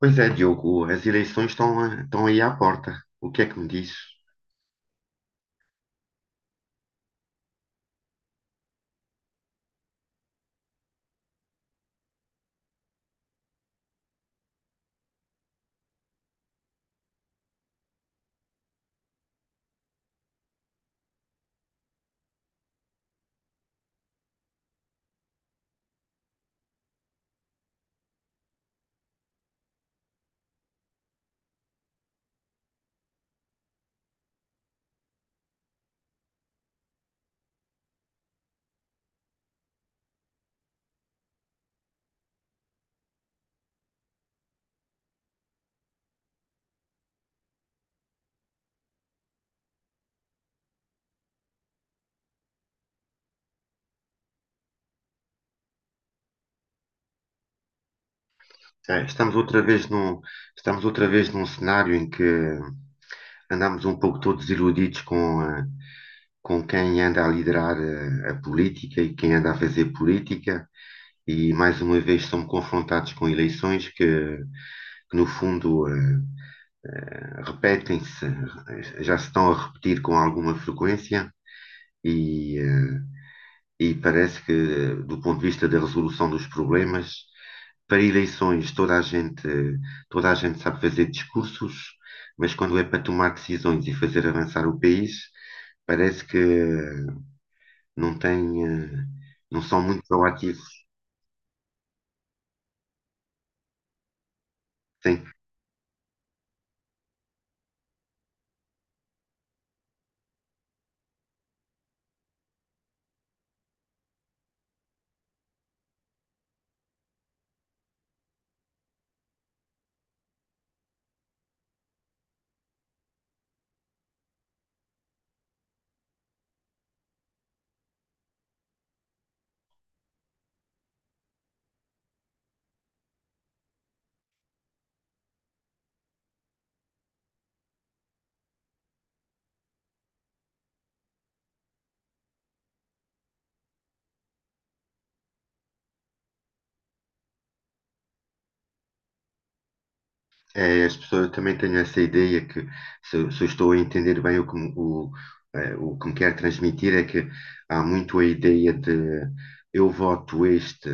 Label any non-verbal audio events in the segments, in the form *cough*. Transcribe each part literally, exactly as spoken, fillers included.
Pois é, Diogo, as eleições estão, a- estão aí à porta. O que é que me diz? É. Estamos outra vez num, estamos outra vez num cenário em que andamos um pouco todos iludidos com, a- com quem anda a liderar a, a política e quem anda a fazer política, e mais uma vez somos confrontados com eleições que, que no fundo, eh, repetem-se, eh, já se estão a repetir com alguma frequência. E, eh, e parece que, do ponto de vista da resolução dos problemas, para eleições toda a gente, toda a gente sabe fazer discursos, mas quando é para tomar decisões e fazer avançar o país, parece que não tem, eh, não são muito proativos, têm. É, as pessoas também têm essa ideia que, se, se eu estou a entender bem o que, me- o, eh, o que me quer transmitir, é que há muito a ideia de eu voto este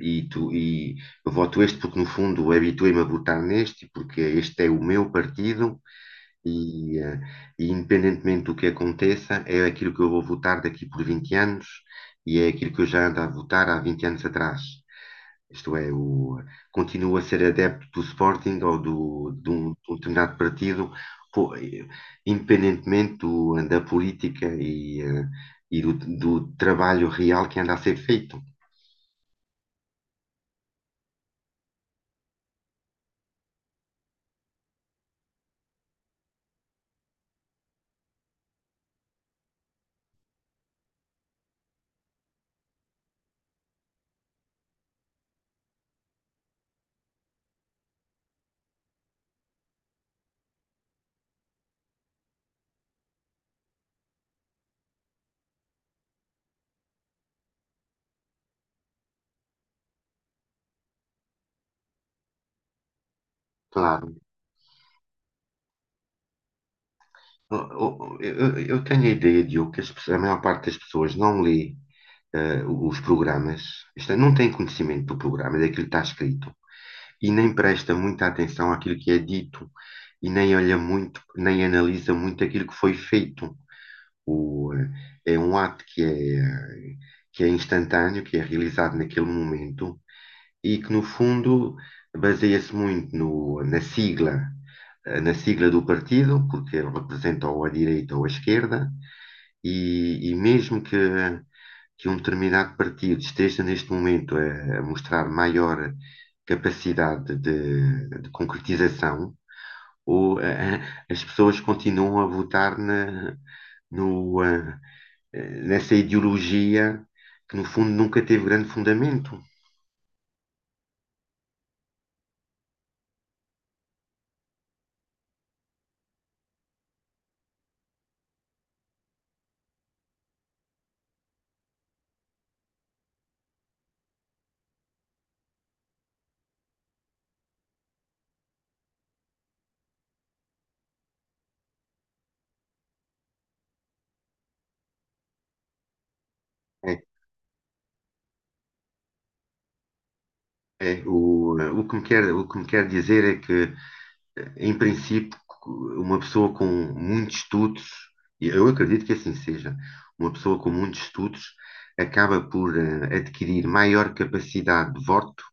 e, tu, e eu voto este porque, no fundo, habituei-me a votar neste, porque este é o meu partido e, eh, e independentemente do que aconteça, é aquilo que eu vou votar daqui por vinte anos e é aquilo que eu já ando a votar há vinte anos atrás. Isto é, o, continua a ser adepto do Sporting ou do, de, um, de um determinado partido, po- independentemente do- da política e, eh, e do, do trabalho real que anda a ser feito. Claro. Eu, eu- eu tenho a ideia, Diogo, que as pessoas- a maior parte das pessoas não lê eh, os programas, isto é, não tem conhecimento do programa, é daquilo que está escrito, e nem presta muita atenção àquilo que é dito, e nem olha muito, nem analisa muito aquilo que foi feito. O, eh, É um ato que é, que é instantâneo, que é realizado naquele momento, e que, no fundo, baseia-se muito no- na sigla, eh, na sigla do partido, porque ele representa ou a direita ou a esquerda, e, e mesmo que, que um determinado partido esteja neste momento a, a mostrar maior capacidade de, de concretização, ou, eh, as pessoas continuam a votar na, no, eh, eh, nessa ideologia que, no fundo, nunca teve grande fundamento. É, é, o, o que me quer, o que me quer dizer é que, em princípio, uma pessoa com muitos estudos, e eu acredito que assim seja, uma pessoa com muitos estudos acaba por eh, adquirir maior capacidade de voto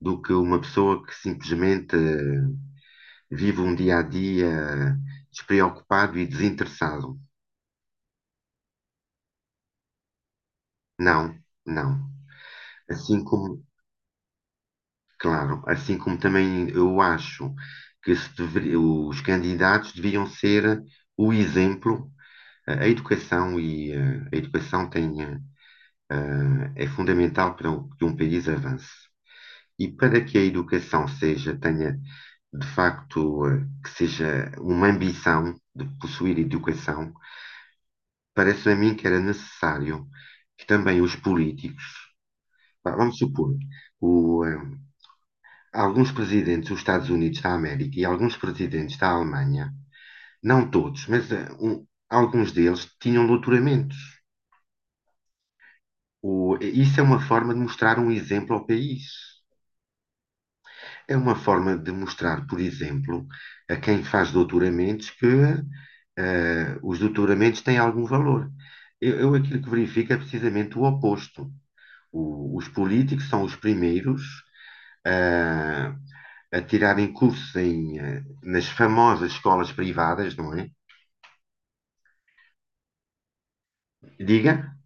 do que uma pessoa que simplesmente eh, vive um dia a dia, eh, despreocupado e desinteressado. Não, não. Assim como, claro, assim como também eu acho que se deveria- os candidatos deviam ser o exemplo. A educação e eh, a educação tem, eh, é fundamental para que um país avance. E para que a educação seja, tenha de facto, eh, que seja uma ambição de possuir educação, parece a mim que era necessário que também os políticos, vamos supor, o, eh, alguns presidentes dos Estados Unidos da América e alguns presidentes da Alemanha, não todos, mas eh, um- alguns deles tinham doutoramentos. O- isso é uma forma de mostrar um exemplo ao país. É uma forma de mostrar, por exemplo, a quem faz doutoramentos que eh, os doutoramentos têm algum valor. Eu, eu aquilo que verifico é precisamente o oposto. O- os políticos são os primeiros ah, a tirarem cursos em, eh, nas famosas escolas privadas, não é? Diga?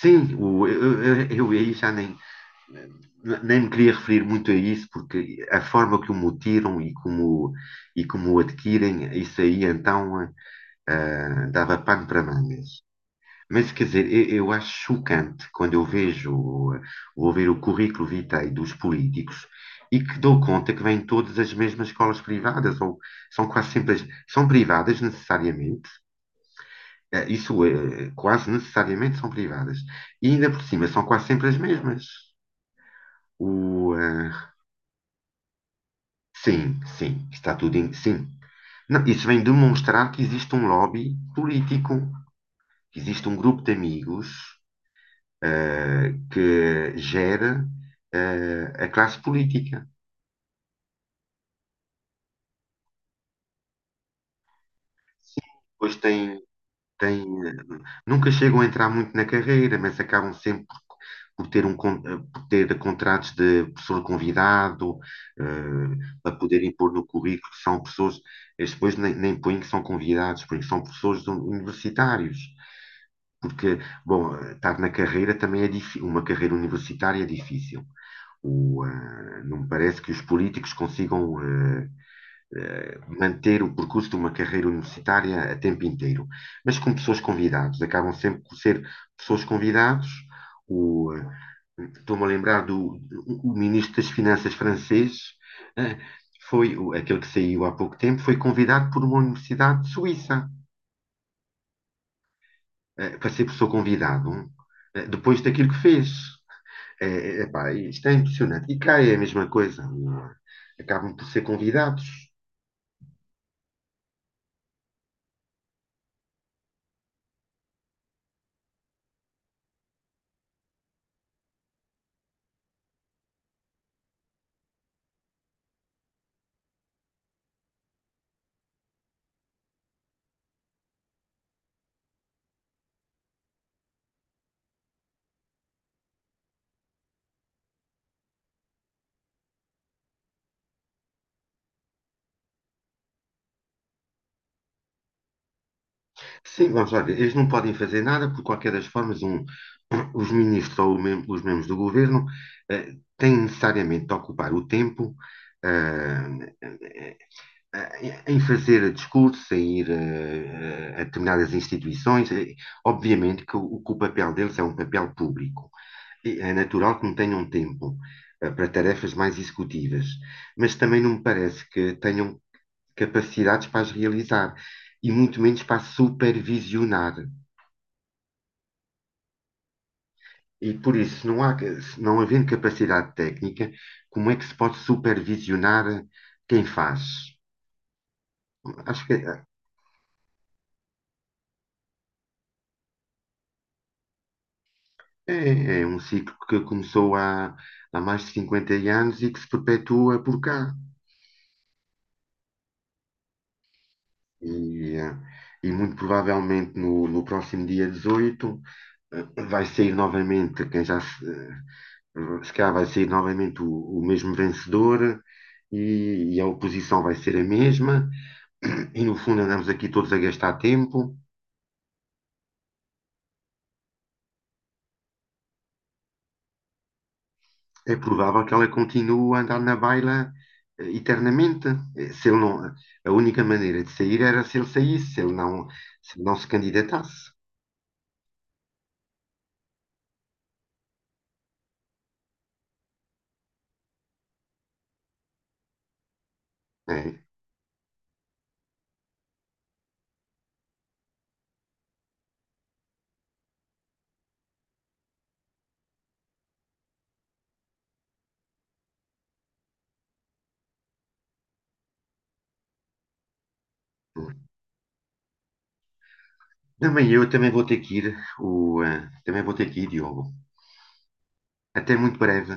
Sim, o- eu, eu, eu aí já nem nem me queria referir muito a isso, porque a forma que o mutiram e como, e como, o adquirem, isso aí então, ah, dava pano para mangas. Mas quer dizer, eu, eu acho chocante quando eu vejo, vou ver o currículo vitae dos políticos e que dou conta que vêm todas as mesmas escolas privadas, ou são quase sempre, as- são privadas necessariamente, eh, isso é, quase necessariamente são privadas, e ainda por cima são quase sempre as mesmas. O, eh, Sim, sim, está tudo em. Sim. Não, isso vem demonstrar que existe um lobby político, que existe um grupo de amigos eh, que gera eh, a classe política. Pois tem. tem, eh, Nunca chegam a entrar muito na carreira, mas acabam sempre por, por ter um, con- eh, por ter contratos de professor convidado, eh, para poderem pôr no currículo que são pessoas. Eles depois nem, nem põem que são convidados, põem que são professores universitários. Porque, bom, estar na carreira também é difícil, uma carreira universitária é difícil. O, ah, não me parece que os políticos consigam ah, manter o percurso de uma carreira universitária a tempo inteiro. Mas com pessoas convidadas, acabam sempre por ser pessoas convidadas. O, ah, Estou-me a lembrar do o ministro das Finanças francês. uh, Foi aquele que saiu há pouco tempo, foi convidado por uma universidade suíça, uh, para ser professor convidado, uh, depois daquilo que fez. É, epá, isto é impressionante. E cá é a mesma coisa, não é? Acabam por ser convidados. Sim, vamos lá ver. Eles não podem fazer nada, por qualquer das formas. Um- os ministros ou o mem- os membros do governo eh, têm necessariamente de ocupar o tempo ah, em fazer discursos, em ir eh, a determinadas instituições. Eh, Obviamente que o, que o papel deles é um papel público. E é natural que não tenham tempo eh, para tarefas mais executivas, mas também não me parece que tenham capacidades para as realizar e muito menos para supervisionar. E por isso, não há, não havendo capacidade técnica, como é que se pode supervisionar quem faz? Acho que é, é um ciclo que começou há, há mais de cinquenta anos e que se perpetua por cá. E, e muito provavelmente no, no próximo dia dezoito, eh, vai sair novamente quem já. Hum, Se calhar vai ser novamente o, o mesmo vencedor, e, e a oposição vai ser a mesma. *clears throat* E no fundo andamos aqui todos a gastar tempo. É provável que ela continue a andar na baila, eh, eternamente. Eh, Se ele não, a única maneira de sair era se ele saísse, se ele não se, ele não se candidatasse. É. Também eu também vou ter que ir, o, eh, também vou ter que ir, Diogo. Até muito breve.